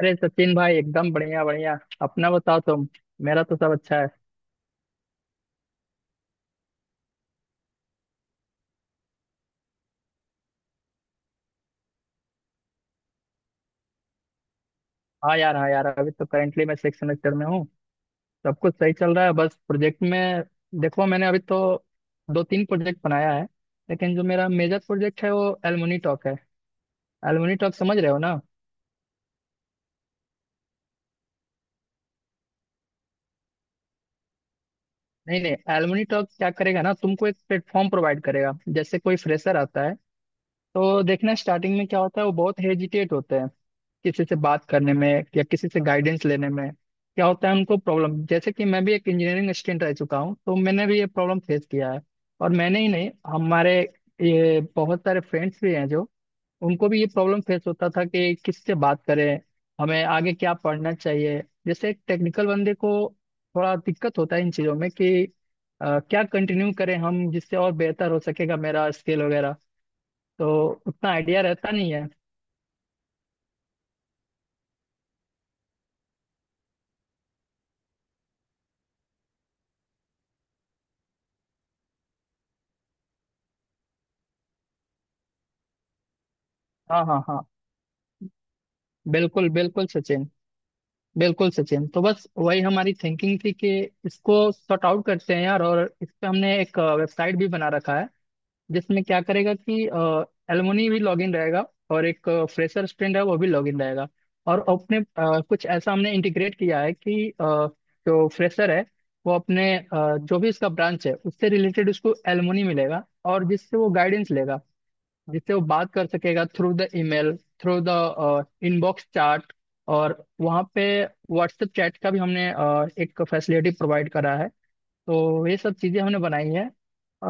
अरे सचिन भाई, एकदम बढ़िया बढ़िया। अपना बताओ तुम। मेरा तो सब अच्छा है। हाँ यार, हाँ यार, अभी तो करेंटली मैं सिक्स सेमेस्टर में हूँ। सब कुछ सही चल रहा है, बस प्रोजेक्ट में देखो मैंने अभी तो दो तीन प्रोजेक्ट बनाया है। लेकिन जो मेरा मेजर प्रोजेक्ट है वो एलुमनी टॉक है। एलुमनी टॉक समझ रहे हो ना। नहीं नहीं, एलुमनी टॉक क्या करेगा ना, तुमको एक प्लेटफॉर्म प्रोवाइड करेगा। जैसे कोई फ्रेशर आता है तो देखना, स्टार्टिंग में क्या होता है, वो बहुत हेजिटेट होते हैं किसी से बात करने में या किसी से गाइडेंस लेने में। क्या होता है उनको प्रॉब्लम, जैसे कि मैं भी एक इंजीनियरिंग स्टूडेंट रह चुका हूँ, तो मैंने भी ये प्रॉब्लम फेस किया है। और मैंने ही नहीं, हमारे ये बहुत सारे फ्रेंड्स भी हैं जो, उनको भी ये प्रॉब्लम फेस होता था कि किससे बात करें, हमें आगे क्या पढ़ना चाहिए। जैसे एक टेक्निकल बंदे को थोड़ा दिक्कत होता है इन चीज़ों में कि क्या कंटिन्यू करें हम जिससे और बेहतर हो सकेगा मेरा स्किल वगैरह, तो उतना आइडिया रहता नहीं है। हाँ हाँ हाँ, बिल्कुल बिल्कुल सचिन। बिल्कुल सचिन, तो बस वही हमारी थिंकिंग थी कि इसको सॉर्ट आउट करते हैं यार। और इस पे हमने एक वेबसाइट भी बना रखा है, जिसमें क्या करेगा कि एलुमनी भी लॉगिन रहेगा और एक फ्रेशर स्टूडेंट है वो भी लॉगिन रहेगा। और अपने कुछ ऐसा हमने इंटीग्रेट किया है कि जो फ्रेशर है, वो अपने जो भी इसका ब्रांच है उससे रिलेटेड उसको एलुमनी मिलेगा और जिससे वो गाइडेंस लेगा, जिससे वो बात कर सकेगा through the email, through the inbox chat. और वहाँ पे व्हाट्सएप चैट का भी हमने एक फैसिलिटी प्रोवाइड करा है। तो ये सब चीज़ें हमने बनाई है।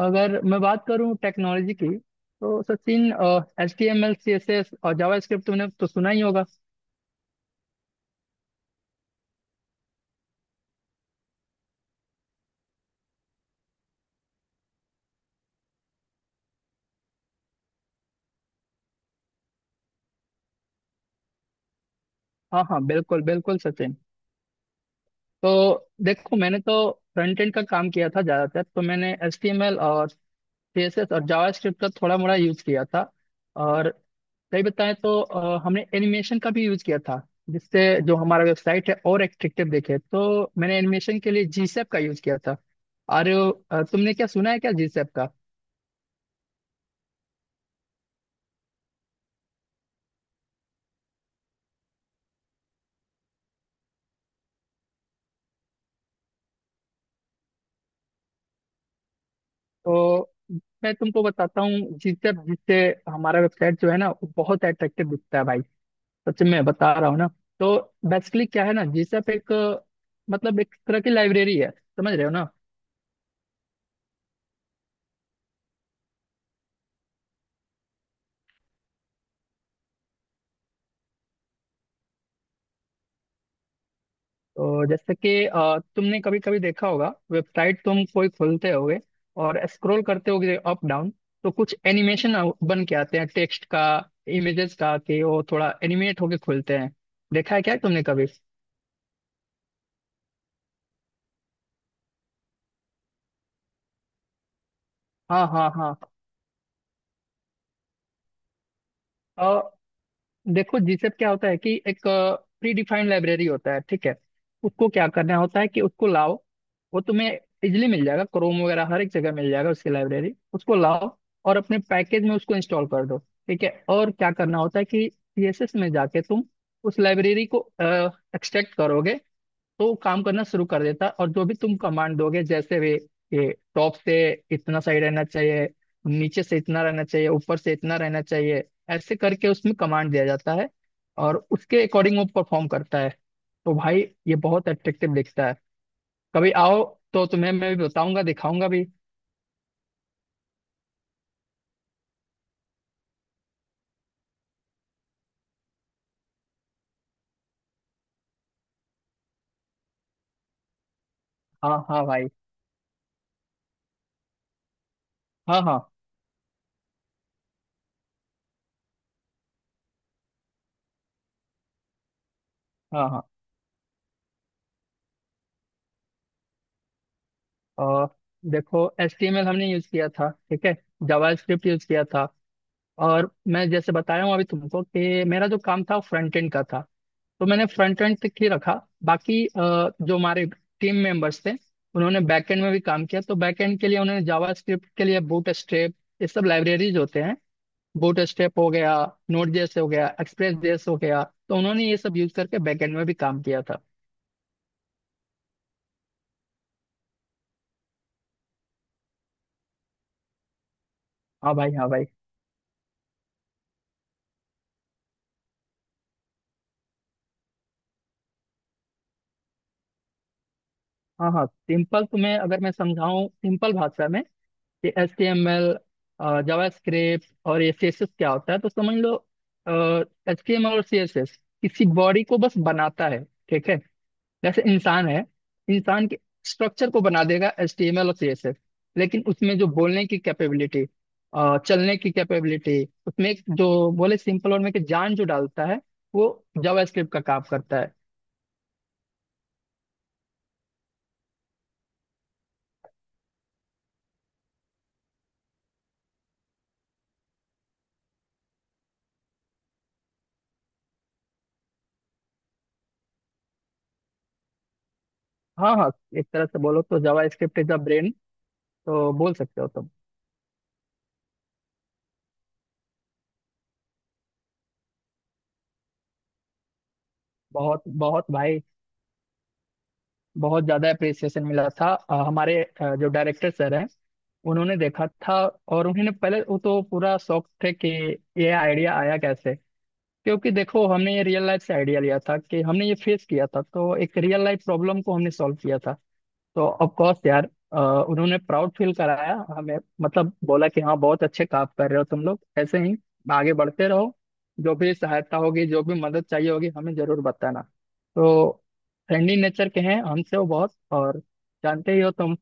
अगर मैं बात करूँ टेक्नोलॉजी की, तो Sachin, H T M L, C S S और जावा स्क्रिप्ट तुमने तो सुना ही होगा। हाँ हाँ, बिल्कुल बिल्कुल सचिन। तो देखो, मैंने तो फ्रंट एंड का काम किया था ज़्यादातर, तो मैंने एच टी एम एल और सीएसएस और जावास्क्रिप्ट का थोड़ा मोड़ा यूज किया था। और सही बताएं तो हमने एनिमेशन का भी यूज किया था, जिससे जो हमारा वेबसाइट है और एट्रैक्टिव दिखे। तो मैंने एनिमेशन के लिए जीसैप का यूज किया था। अरे, तुमने क्या सुना है क्या जीसैप का? तो मैं तुमको बताता हूँ, जीसैप जिससे हमारा वेबसाइट जो है ना, वो बहुत एट्रैक्टिव दिखता है भाई, सच में बता रहा हूँ ना। तो बेसिकली क्या है ना, जीसैप एक मतलब एक तरह की लाइब्रेरी है, समझ रहे हो ना। तो जैसे कि तुमने कभी कभी देखा होगा, वेबसाइट तुम कोई खोलते होगे और स्क्रॉल करते होगे अप डाउन, तो कुछ एनिमेशन बन के आते हैं, टेक्स्ट का, इमेजेस का, कि वो थोड़ा एनिमेट होके खुलते हैं। देखा है क्या तुमने कभी? हाँ हाँ हाँ। देखो जीसेप क्या होता है, कि एक प्री डिफाइंड लाइब्रेरी होता है, ठीक है। उसको क्या करना होता है कि उसको लाओ, वो तुम्हें इजिली मिल जाएगा, क्रोम वगैरह हर एक जगह मिल जाएगा उसकी लाइब्रेरी, उसको लाओ और अपने पैकेज में उसको इंस्टॉल कर दो। ठीक है, और क्या करना होता है कि सीएसएस में जाके तुम उस लाइब्रेरी को एक्सट्रैक्ट करोगे, तो वो काम करना शुरू कर देता है। और जो भी तुम कमांड दोगे, जैसे भी, ये टॉप से इतना सही रहना चाहिए, नीचे से इतना रहना चाहिए, ऊपर से इतना रहना चाहिए, ऐसे करके उसमें कमांड दिया जाता है, और उसके अकॉर्डिंग वो परफॉर्म करता है। तो भाई, ये बहुत अट्रैक्टिव दिखता है। कभी आओ तो तुम्हें मैं भी बताऊंगा, दिखाऊंगा भी। हाँ हाँ भाई, हाँ हाँ हाँ हाँ। और देखो, एच टी एम एल हमने यूज किया था, ठीक है, जावा स्क्रिप्ट यूज किया था। और मैं जैसे बताया हूँ अभी तुमको, कि मेरा जो काम था फ्रंट एंड का था, तो मैंने फ्रंट एंड तक ही रखा। बाकी जो हमारे टीम मेंबर्स थे, उन्होंने बैक एंड में भी काम किया। तो बैक एंड के लिए उन्होंने जावास्क्रिप्ट के लिए बूट स्ट्रैप, ये सब लाइब्रेरीज होते हैं, बूट स्ट्रैप हो गया, नोड जेएस हो गया, एक्सप्रेस जेएस हो गया, तो उन्होंने ये सब यूज करके बैक एंड में भी काम किया था। हाँ भाई हाँ भाई। हाँ हाँ, सिंपल तुम्हें अगर मैं समझाऊँ सिंपल भाषा में कि H T M L, JavaScript और ये सी एस एस क्या होता है, तो समझ लो, एच टी एम एल और सी एस एस किसी बॉडी को बस बनाता है, ठीक है। जैसे इंसान है, इंसान के स्ट्रक्चर को बना देगा एचटीएमएल और सीएसएस। लेकिन उसमें जो बोलने की कैपेबिलिटी, चलने की कैपेबिलिटी, उसमें एक जो बोले सिंपल और में कि जान जो डालता है, वो जावास्क्रिप्ट का काम करता है। हाँ हाँ, एक तरह से बोलो तो जावास्क्रिप्ट इज द ब्रेन, तो बोल सकते हो तुम। बहुत बहुत भाई, बहुत ज्यादा अप्रिसिएशन मिला था। हमारे जो डायरेक्टर सर हैं, उन्होंने देखा था। और उन्होंने पहले वो तो पूरा शौक थे कि ये आइडिया आया कैसे। क्योंकि देखो, हमने ये रियल लाइफ से आइडिया लिया था, कि हमने ये फेस किया था, तो एक रियल लाइफ प्रॉब्लम को हमने सॉल्व किया था। तो ऑफ कोर्स यार, उन्होंने प्राउड फील कराया हमें, मतलब बोला कि हाँ, बहुत अच्छे काम कर रहे हो तुम लोग, ऐसे ही आगे बढ़ते रहो। जो भी सहायता होगी, जो भी मदद चाहिए होगी, हमें जरूर बताना। तो फ्रेंडली नेचर के हैं हमसे वो बहुत, और जानते ही हो तुम।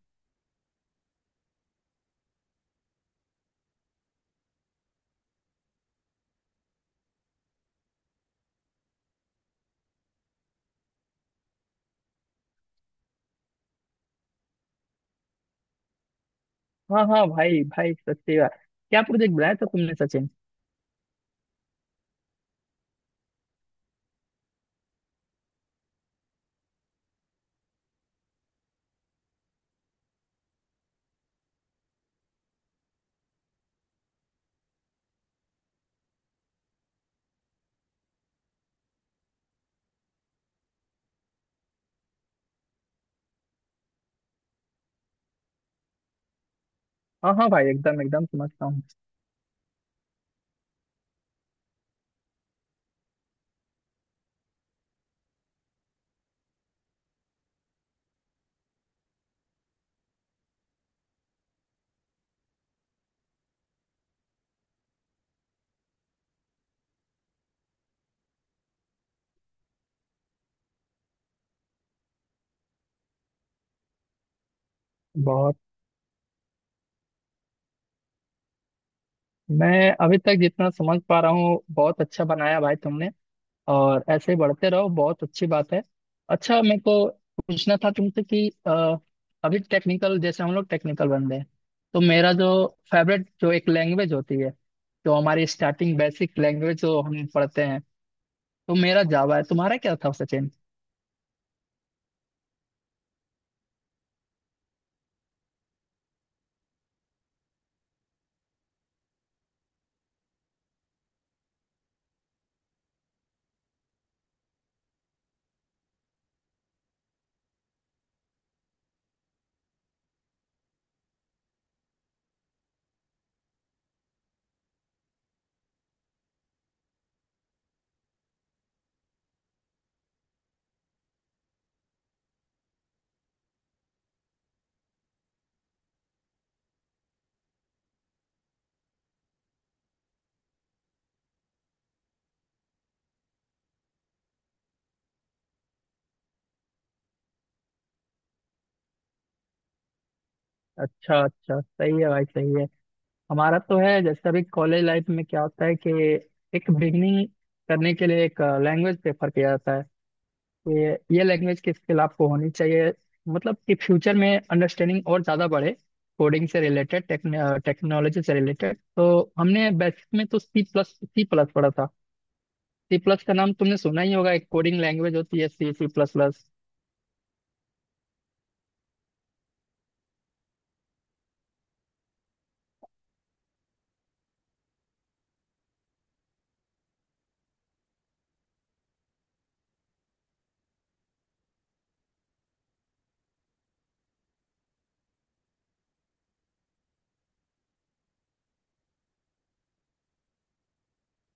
हाँ हाँ भाई भाई, सच्ची बात। क्या प्रोजेक्ट बनाया था तुमने सचिन? हाँ हाँ भाई, एकदम एकदम समझता हूँ। बहुत, मैं अभी तक जितना समझ पा रहा हूँ, बहुत अच्छा बनाया भाई तुमने, और ऐसे ही बढ़ते रहो, बहुत अच्छी बात है। अच्छा, मेरे को पूछना था तुमसे कि अभी टेक्निकल, जैसे हम लोग टेक्निकल बंदे हैं, तो मेरा जो फेवरेट जो एक लैंग्वेज होती है, जो हमारी स्टार्टिंग बेसिक लैंग्वेज जो हम पढ़ते हैं, तो मेरा जावा है, तुम्हारा क्या था सचिन? अच्छा अच्छा, सही है भाई, सही है। हमारा तो है, जैसे अभी कॉलेज लाइफ में क्या होता है कि एक बिगनिंग करने के लिए एक लैंग्वेज प्रेफर किया जाता है। ये लैंग्वेज की स्किल आपको होनी चाहिए, मतलब कि फ्यूचर में अंडरस्टैंडिंग और ज़्यादा बढ़े, कोडिंग से रिलेटेड, टेक्नोलॉजी से रिलेटेड। तो हमने बेसिक में तो सी प्लस पढ़ा था। सी प्लस का नाम तुमने सुना ही होगा, एक कोडिंग लैंग्वेज होती है, सी, सी प्लस प्लस।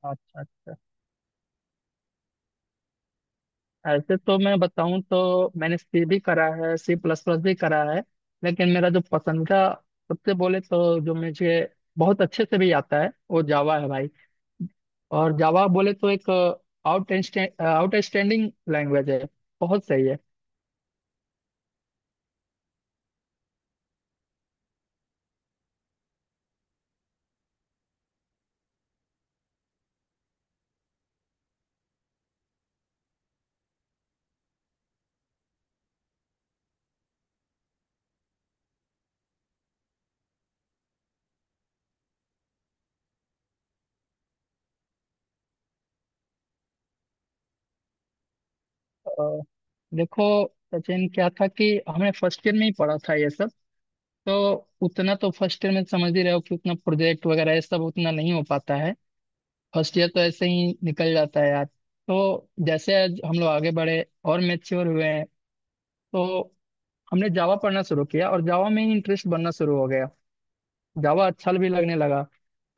अच्छा अच्छा, ऐसे तो मैं बताऊं तो मैंने सी भी करा है, सी प्लस प्लस भी करा है, लेकिन मेरा जो पसंदीदा, सबसे बोले तो, जो मुझे बहुत अच्छे से भी आता है, वो जावा है भाई। और जावा बोले तो एक आउट आउटस्टैंडिंग लैंग्वेज है, बहुत सही है। अ, देखो सचिन, क्या था कि हमने फर्स्ट ईयर में ही पढ़ा था ये सब, तो उतना तो, फर्स्ट ईयर में समझ ही रहे हो कि उतना प्रोजेक्ट वगैरह ये सब उतना नहीं हो पाता है, फर्स्ट ईयर तो ऐसे ही निकल जाता है यार। तो जैसे आज हम लोग आगे बढ़े और मेच्योर हुए हैं, तो हमने जावा पढ़ना शुरू किया, और जावा में ही इंटरेस्ट बनना शुरू हो गया, जावा अच्छा भी लगने लगा।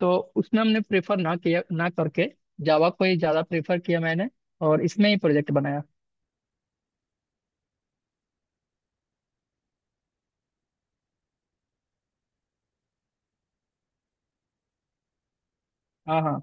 तो उसमें हमने प्रेफर ना किया ना करके जावा को ही ज़्यादा प्रेफर किया मैंने, और इसमें ही प्रोजेक्ट बनाया। हाँ हाँ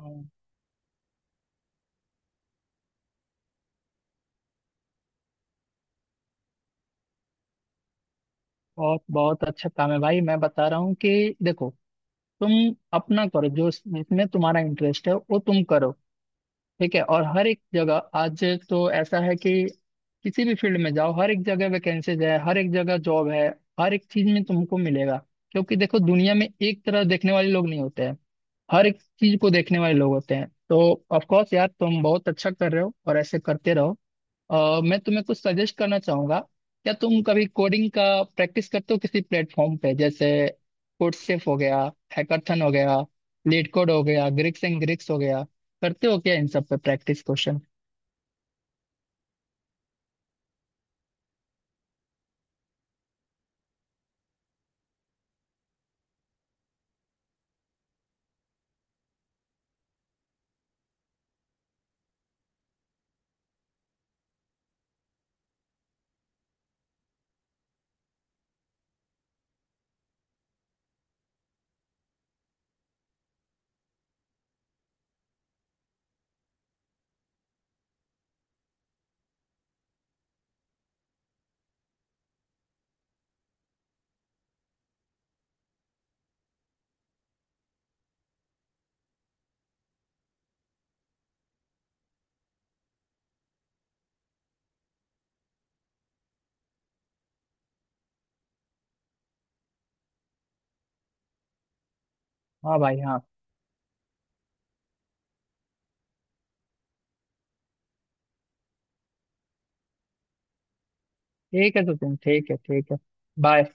हाँ, बहुत बहुत अच्छा काम है भाई, मैं बता रहा हूँ कि देखो, तुम अपना करो, जो इसमें तुम्हारा इंटरेस्ट है वो तुम करो, ठीक है। और हर एक जगह आज तो ऐसा है कि किसी भी फील्ड में जाओ, हर एक जगह वैकेंसीज है, हर एक जगह जॉब है, हर एक चीज में तुमको मिलेगा। क्योंकि देखो, दुनिया में एक तरह देखने वाले लोग नहीं होते हैं, हर एक चीज को देखने वाले लोग होते हैं। तो ऑफ कोर्स यार, तुम बहुत अच्छा कर रहे हो, और ऐसे करते रहो। मैं तुम्हें कुछ सजेस्ट करना चाहूंगा। क्या तुम कभी कोडिंग का प्रैक्टिस करते हो किसी प्लेटफॉर्म पे, जैसे कोडसेफ हो गया, हैकाथन हो गया, लीड कोड हो गया, ग्रिक्स एंड ग्रिक्स हो गया, करते हो क्या इन सब पे प्रैक्टिस क्वेश्चन? हाँ भाई हाँ। ठीक है तो तुम, ठीक है ठीक है, बाय।